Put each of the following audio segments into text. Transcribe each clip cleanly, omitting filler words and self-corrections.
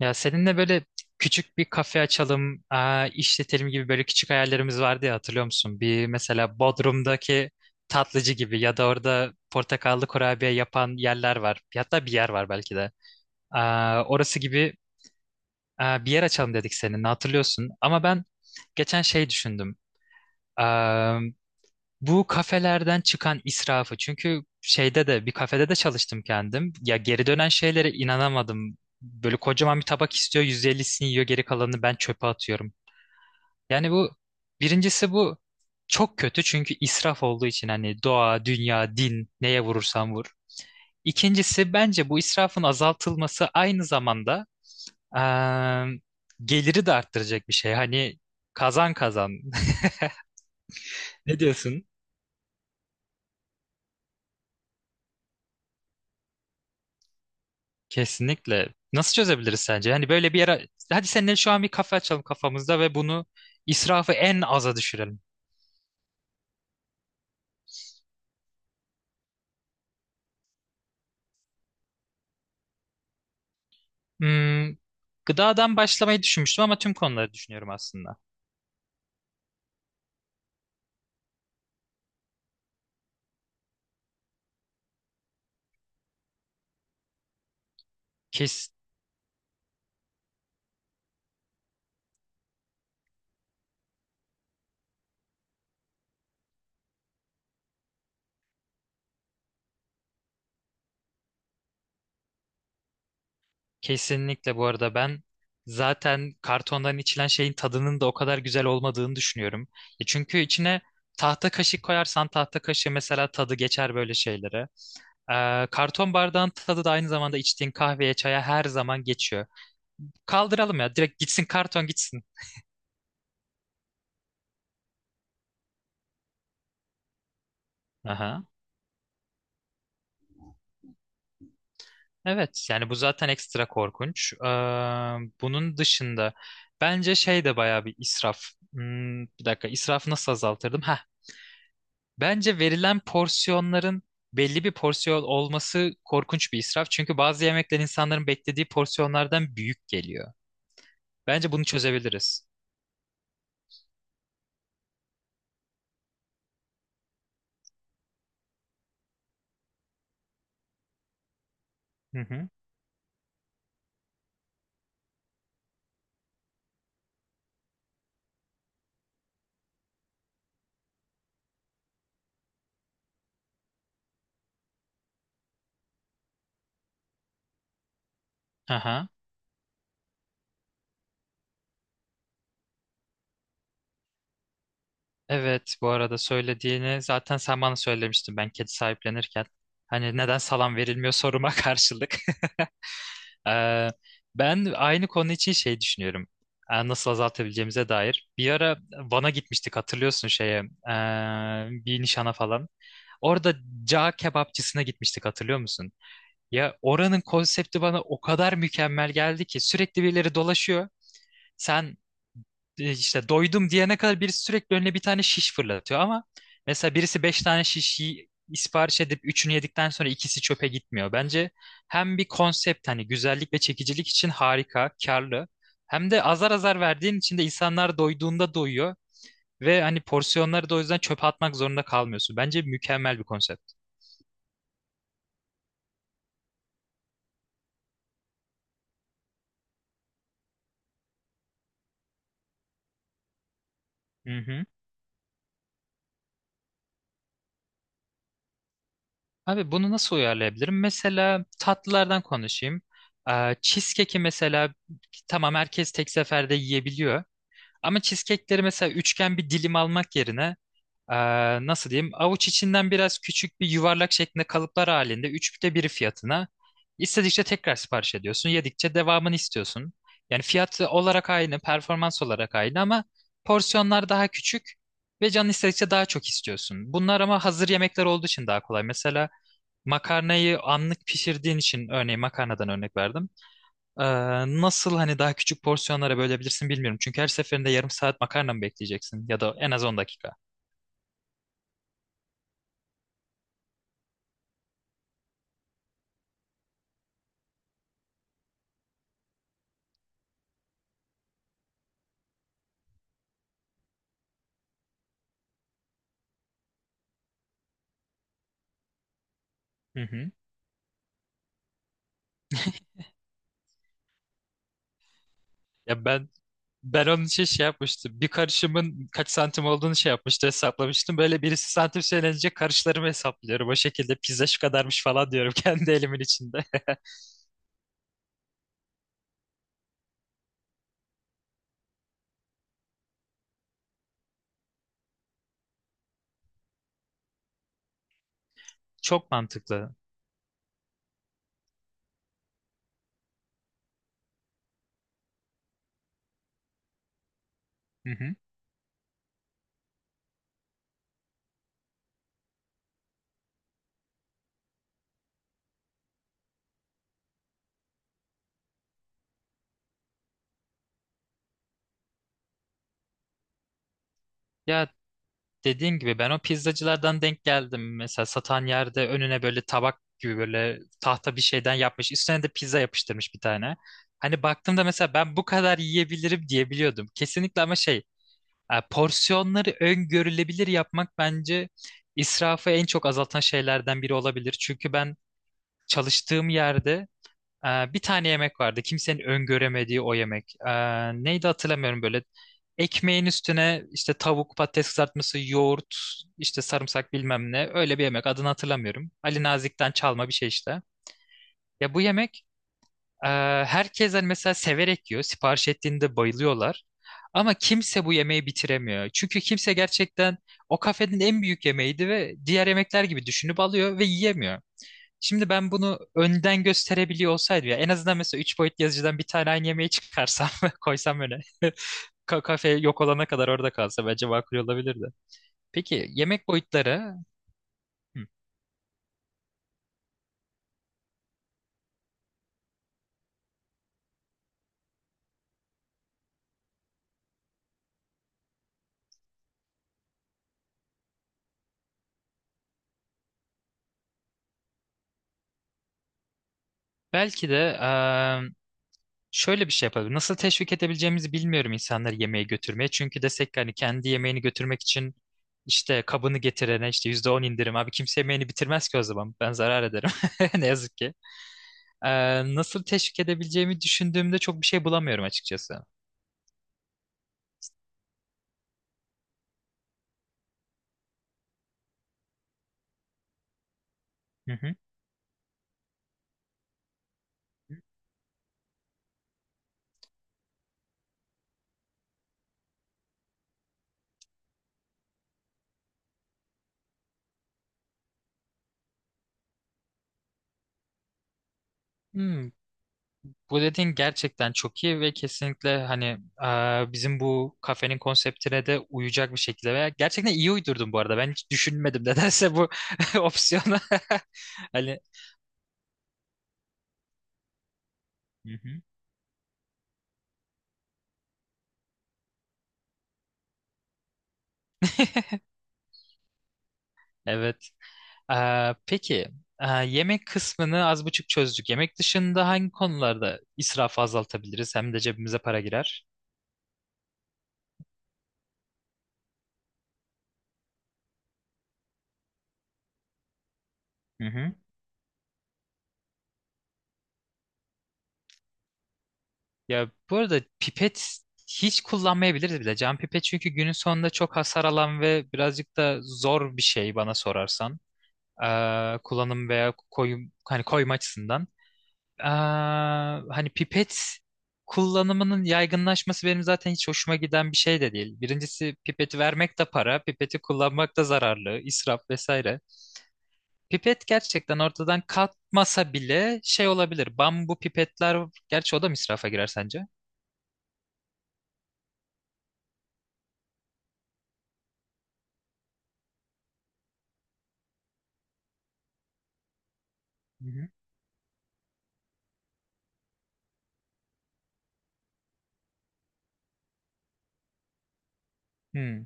Ya seninle böyle küçük bir kafe açalım, işletelim gibi böyle küçük hayallerimiz vardı ya hatırlıyor musun? Bir mesela Bodrum'daki tatlıcı gibi ya da orada portakallı kurabiye yapan yerler var. Hatta bir yer var belki de. Orası gibi bir yer açalım dedik seninle hatırlıyorsun. Ama ben geçen şey düşündüm. Bu kafelerden çıkan israfı çünkü şeyde de bir kafede de çalıştım kendim. Ya geri dönen şeylere inanamadım. Böyle kocaman bir tabak istiyor, 150'sini yiyor, geri kalanını ben çöpe atıyorum. Yani bu birincisi bu çok kötü çünkü israf olduğu için hani doğa, dünya, din neye vurursan vur. İkincisi bence bu israfın azaltılması aynı zamanda eee, geliri de arttıracak bir şey. Hani kazan kazan. Ne diyorsun? Kesinlikle. Nasıl çözebiliriz sence? Yani böyle bir yere... Hadi seninle şu an bir kafe açalım kafamızda ve bunu israfı en aza düşürelim. Hmm, Gıdadan başlamayı düşünmüştüm ama tüm konuları düşünüyorum aslında. Kes, Kesinlikle bu arada ben zaten kartondan içilen şeyin tadının da o kadar güzel olmadığını düşünüyorum. Çünkü içine tahta kaşık koyarsan tahta kaşığı mesela tadı geçer böyle şeylere. Karton bardağın tadı da aynı zamanda içtiğin kahveye, çaya her zaman geçiyor. Kaldıralım ya. Direkt gitsin karton gitsin. Aha. Evet yani bu zaten ekstra korkunç. Bunun dışında bence şey de bayağı bir israf. Bir dakika israfı nasıl azaltırdım? Heh. Bence verilen porsiyonların belli bir porsiyon olması korkunç bir israf. Çünkü bazı yemekler insanların beklediği porsiyonlardan büyük geliyor. Bence bunu çözebiliriz. Hı hı. Aha. Evet bu arada söylediğini zaten sen bana söylemiştin ben kedi sahiplenirken. Hani neden salam verilmiyor soruma karşılık. Ee, Ben aynı konu için şey düşünüyorum. Nasıl azaltabileceğimize dair. Bir ara Van'a gitmiştik hatırlıyorsun şeye. Bir nişana falan. Orada cağ kebapçısına gitmiştik hatırlıyor musun? Ya oranın konsepti bana o kadar mükemmel geldi ki sürekli birileri dolaşıyor. Sen işte doydum diyene kadar birisi sürekli önüne bir tane şiş fırlatıyor ama mesela birisi 5 tane şişi sipariş edip üçünü yedikten sonra ikisi çöpe gitmiyor. Bence hem bir konsept hani güzellik ve çekicilik için harika, karlı hem de azar azar verdiğin için de insanlar doyduğunda doyuyor ve hani porsiyonları da o yüzden çöpe atmak zorunda kalmıyorsun. Bence mükemmel bir konsept. Hı hı. Abi bunu nasıl uyarlayabilirim? Mesela tatlılardan konuşayım. Cheesecake'i mesela tamam herkes tek seferde yiyebiliyor. Ama cheesecake'leri mesela üçgen bir dilim almak yerine ee, nasıl diyeyim avuç içinden biraz küçük bir yuvarlak şeklinde kalıplar halinde 1/3 fiyatına istedikçe tekrar sipariş ediyorsun. Yedikçe devamını istiyorsun. Yani fiyat olarak aynı, performans olarak aynı ama porsiyonlar daha küçük ve canın istedikçe daha çok istiyorsun. Bunlar ama hazır yemekler olduğu için daha kolay. Mesela makarnayı anlık pişirdiğin için örneğin makarnadan örnek verdim. Ee, Nasıl hani daha küçük porsiyonlara bölebilirsin bilmiyorum. Çünkü her seferinde yarım saat makarna mı bekleyeceksin ya da en az 10 dakika. Hı hı. Ya ben Ben onun için şey yapmıştım. Bir karışımın kaç santim olduğunu şey yapmıştı hesaplamıştım. Böyle birisi santim söylenince karışlarımı hesaplıyorum. O şekilde pizza şu kadarmış falan diyorum kendi elimin içinde. Çok mantıklı. Hı hı. Ya dediğim gibi ben o pizzacılardan denk geldim. Mesela satan yerde önüne böyle tabak gibi böyle tahta bir şeyden yapmış. Üstüne de pizza yapıştırmış bir tane. Hani baktığımda mesela ben bu kadar yiyebilirim diyebiliyordum. Kesinlikle ama şey. Porsiyonları öngörülebilir yapmak bence israfı en çok azaltan şeylerden biri olabilir. Çünkü ben çalıştığım yerde bir tane yemek vardı. Kimsenin öngöremediği o yemek. Neydi hatırlamıyorum böyle. Ekmeğin üstüne işte tavuk, patates kızartması, yoğurt, işte sarımsak bilmem ne. Öyle bir yemek adını hatırlamıyorum. Ali Nazik'ten çalma bir şey işte. Ya bu yemek ee, herkes hani mesela severek yiyor. Sipariş ettiğinde bayılıyorlar. Ama kimse bu yemeği bitiremiyor. Çünkü kimse gerçekten o kafenin en büyük yemeğiydi ve diğer yemekler gibi düşünüp alıyor ve yiyemiyor. Şimdi ben bunu önden gösterebiliyor olsaydım ya en azından mesela 3 boyutlu yazıcıdan bir tane aynı yemeği çıkarsam ve koysam öne. Kafe yok olana kadar orada kalsa bence makul olabilirdi. Peki yemek boyutları, hı, belki de şöyle bir şey yapabilir. Nasıl teşvik edebileceğimizi bilmiyorum insanları yemeğe götürmeye. Çünkü desek ki hani kendi yemeğini götürmek için işte kabını getirene işte %10 indirim. Abi kimse yemeğini bitirmez ki o zaman. Ben zarar ederim. Ne yazık ki. Nasıl teşvik edebileceğimi düşündüğümde çok bir şey bulamıyorum açıkçası. Hı hı. Hmm, Bu dediğin gerçekten çok iyi ve kesinlikle hani bizim bu kafenin konseptine de uyacak bir şekilde veya gerçekten iyi uydurdun bu arada. Ben hiç düşünmedim nedense bu opsiyonu. Hani. Evet. Peki yemek kısmını az buçuk çözdük. Yemek dışında hangi konularda israfı azaltabiliriz? Hem de cebimize para girer. Hı hı. Ya bu arada pipet hiç kullanmayabiliriz bile. Cam pipet çünkü günün sonunda çok hasar alan ve birazcık da zor bir şey bana sorarsan. Kullanım veya koyum hani koyma açısından. Hani pipet kullanımının yaygınlaşması benim zaten hiç hoşuma giden bir şey de değil. Birincisi pipeti vermek de para, pipeti kullanmak da zararlı, israf vesaire. Pipet gerçekten ortadan kalkmasa bile şey olabilir. Bambu pipetler, gerçi o da mı israfa girer sence? Hı hı. Hmm.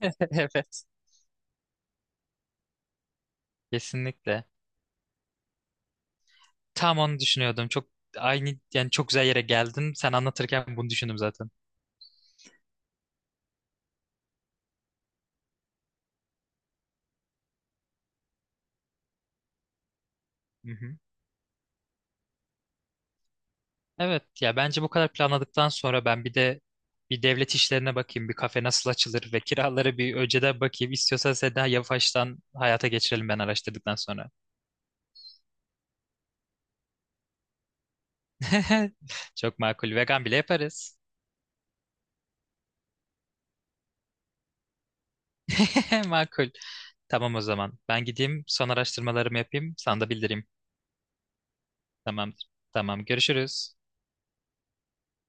Evet. Kesinlikle. Tam onu düşünüyordum. Çok aynı yani çok güzel yere geldin. Sen anlatırken bunu düşündüm zaten. Evet ya bence bu kadar planladıktan sonra ben bir de bir devlet işlerine bakayım. Bir kafe nasıl açılır ve kiralara bir önceden bakayım. İstiyorsan sen daha yavaştan hayata geçirelim ben araştırdıktan sonra. Çok makul. Vegan bile yaparız. Makul. Tamam o zaman. Ben gideyim son araştırmalarımı yapayım. Sana da bildireyim. Tamam. Tamam. Görüşürüz.